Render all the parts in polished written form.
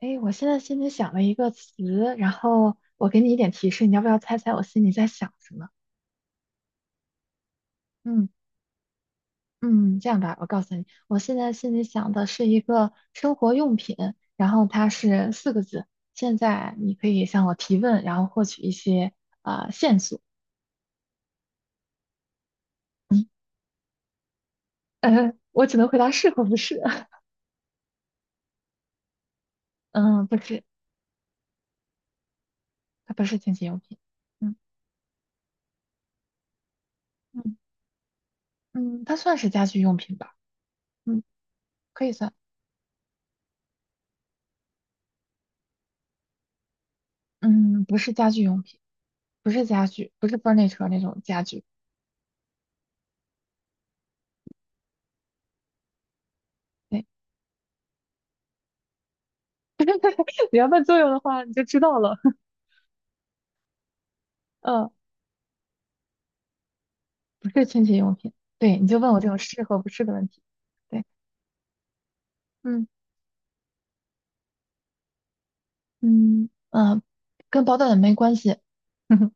哎，诶我现在心里想了一个词，然后我给你一点提示，你要不要猜猜我心里在想什么？嗯嗯，这样吧，我告诉你，我现在心里想的是一个生活用品，然后它是四个字。现在你可以向我提问，然后获取一些线索。嗯，我只能回答是或不是。嗯，不是，它不是清洁用品。嗯嗯嗯，它算是家居用品吧？嗯，可以算。嗯，不是家居用品，不是家具，不是 furniture 那种家具。对，你要问作用的话，你就知道了。嗯，不是清洁用品。对，你就问我这种是和不是的问题。对，嗯嗯嗯，跟保暖没关系。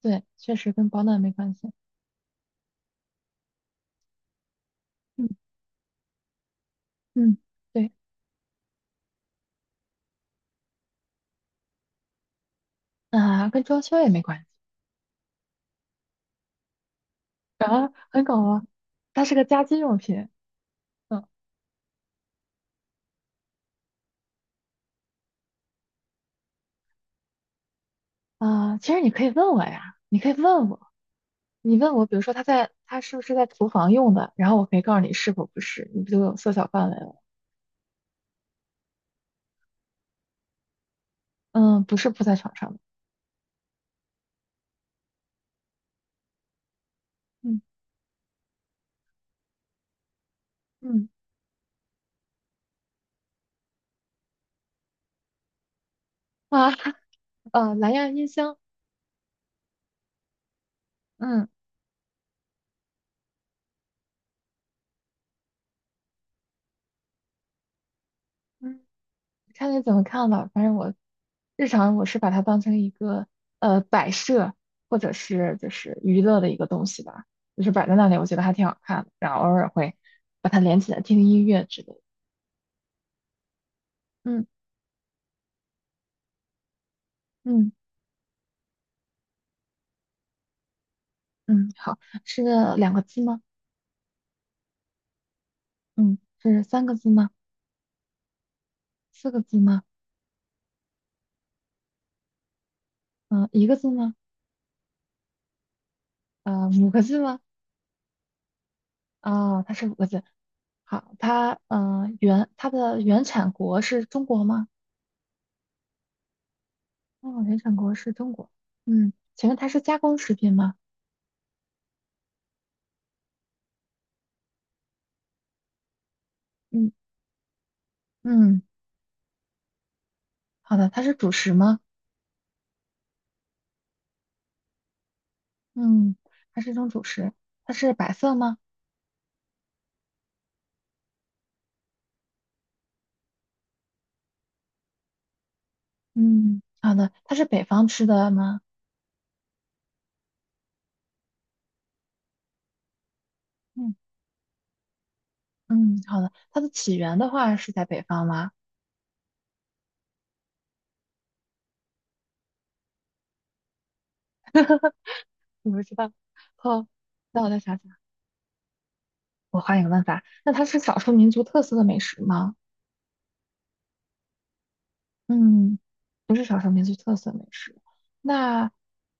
对，确实跟保暖没关系。嗯嗯，对啊，跟装修也没关系。啊，很搞啊，它是个家居用品。嗯啊，其实你可以问我呀，你可以问我，你问我，比如说它是不是在厨房用的，然后我可以告诉你是否不是，你不就有缩小范围了？嗯，不是铺在床上的。嗯。嗯啊蓝牙音箱。嗯嗯，看你怎么看吧。反正我日常我是把它当成一个摆设或者是就是娱乐的一个东西吧，就是摆在那里，我觉得还挺好看的。然后偶尔会把它连起来听音乐之类的。嗯，嗯嗯，好，是两个字吗？嗯，是3个字吗？四个字吗？嗯、1个字吗？五个字吗？啊、它是五个字。好，它的原产国是中国吗？哦，联想国是中国。嗯，请问它是加工食品吗？嗯嗯，好的，它是主食吗？嗯，它是一种主食。它是白色吗？嗯，好的，它是北方吃的吗？嗯嗯，好的。它的起源的话是在北方吗？我不知道。哦，那我再想想，我换一个问法。那它是少数民族特色的美食吗？嗯，不是少数民族特色美食。那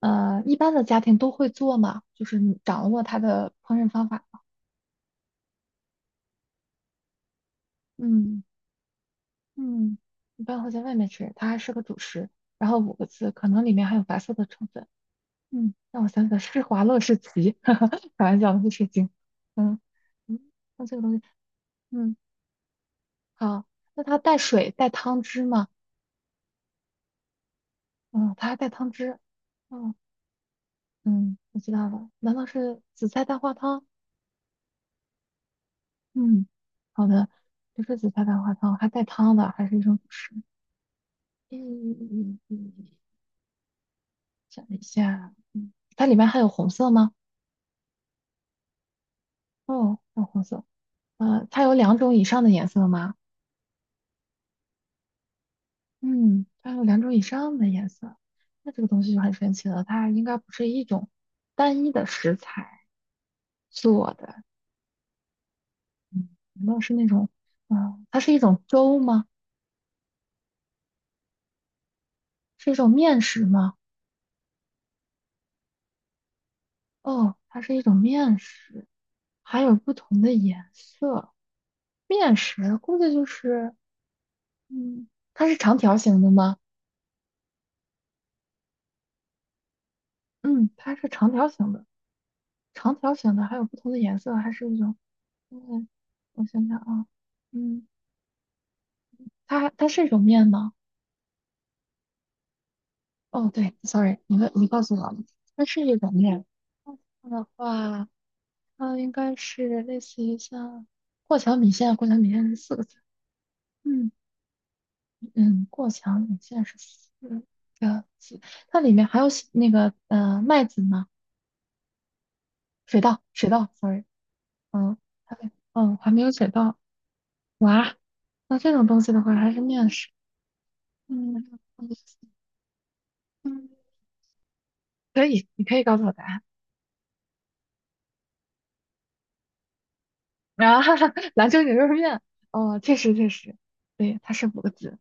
一般的家庭都会做吗？就是你掌握它的烹饪方法。嗯嗯，一般会在外面吃，它还是个主食，然后五个字，可能里面还有白色的成分。嗯，让我想想，施华洛世奇，哈哈，开玩笑，不是精。嗯嗯，那这个东西，嗯，好，那它带水带汤汁吗？嗯，它还带汤汁。嗯嗯，我知道了，难道是紫菜蛋花汤？嗯，好的，不是紫菜蛋花汤，还带汤的，还是一种主食。嗯嗯嗯嗯，想一下，嗯，它里面还有红色吗？哦，淡红色。它有两种以上的颜色吗？嗯，它有两种以上的颜色，那这个东西就很神奇了。它应该不是一种单一的食材做的，嗯，难道是那种，嗯，它是一种粥吗？是一种面食吗？哦，它是一种面食，还有不同的颜色。面食估计就是，嗯，它是长条形的吗？嗯，它是长条形的，长条形的还有不同的颜色，还是一种。嗯，我想想啊，嗯，它是一种面吗？哦，对，sorry，你告诉我了它是一种面。它的话，它应该是类似于像过桥米线，过桥米线是四个字。嗯嗯，过桥米线是四个字。它里面还有西那个呃麦子吗？水稻，sorry，嗯，还没有水稻。哇，那这种东西的话还是面食。嗯嗯，可以，你可以告诉我答案。啊，哈哈，兰州牛肉面，哦，确实确实，对，它是五个字。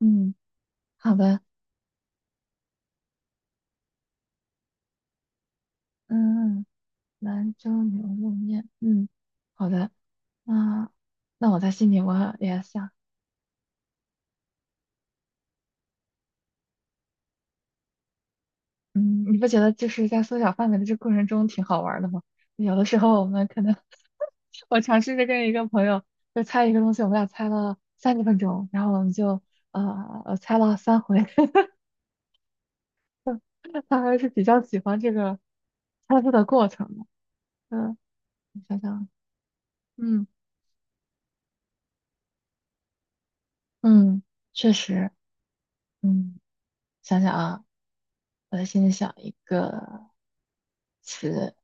嗯，好的，嗯，兰州牛肉面，嗯，好的，啊，那我在心里我也想，嗯，你不觉得就是在缩小范围的这过程中挺好玩儿的吗？有的时候我们可能 我尝试着跟一个朋友就猜一个东西，我们俩猜了30分钟，然后我们就猜了3回，他还是比较喜欢这个猜字的过程的。嗯，你想想。嗯嗯，确实，嗯，想想啊，我在心里想一个词，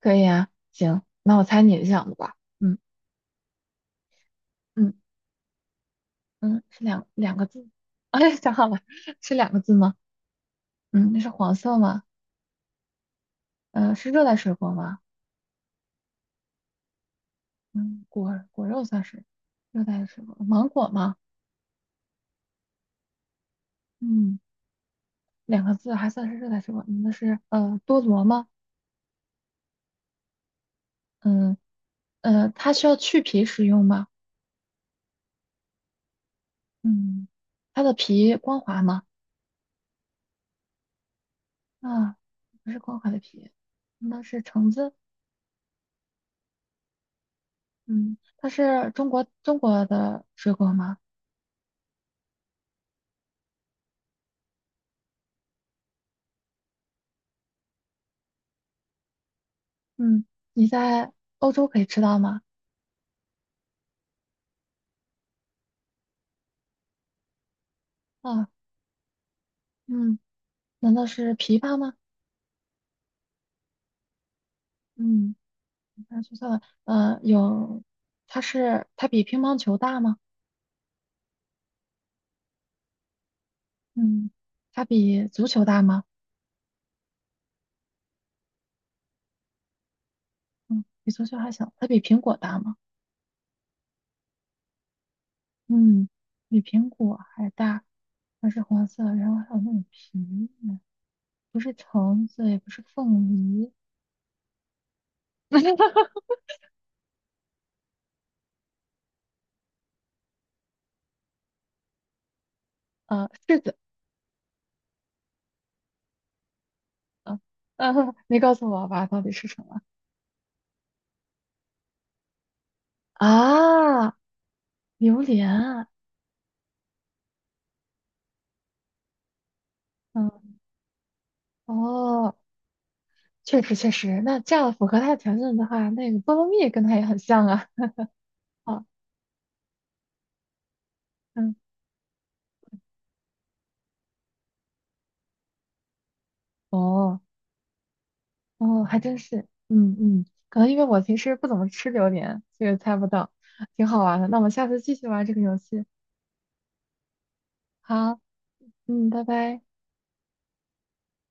可以啊，行，那我猜你想的吧，嗯嗯嗯，是两个字，哎，想好了，是两个字吗？嗯，那是黄色吗？是热带水果吗？嗯，果肉算是热带水果，芒果吗？嗯，两个字还算是热带水果，嗯那是多萝吗？嗯，它需要去皮食用吗？嗯，它的皮光滑吗？啊，不是光滑的皮，那是橙子。嗯，它是中国的水果吗？嗯，你在欧洲可以吃到吗？啊，嗯，难道是枇杷吗？嗯，那说错了。有，它比乒乓球大吗？嗯，它比足球大吗？嗯，比足球还小。它比苹果大吗？嗯，比苹果还大。它是黄色，然后还有那种皮，不是橙子，也不是凤梨。啊，柿子，啊呃，你告诉我吧，到底是什么？啊，榴莲啊，嗯，哦，确实确实，那这样符合它的条件的话，那个菠萝蜜跟它也很像啊。哦，嗯，哦，哦，还真是，嗯嗯，可能因为我平时不怎么吃榴莲，所以猜不到，挺好玩的。那我们下次继续玩这个游戏。好，嗯，拜拜。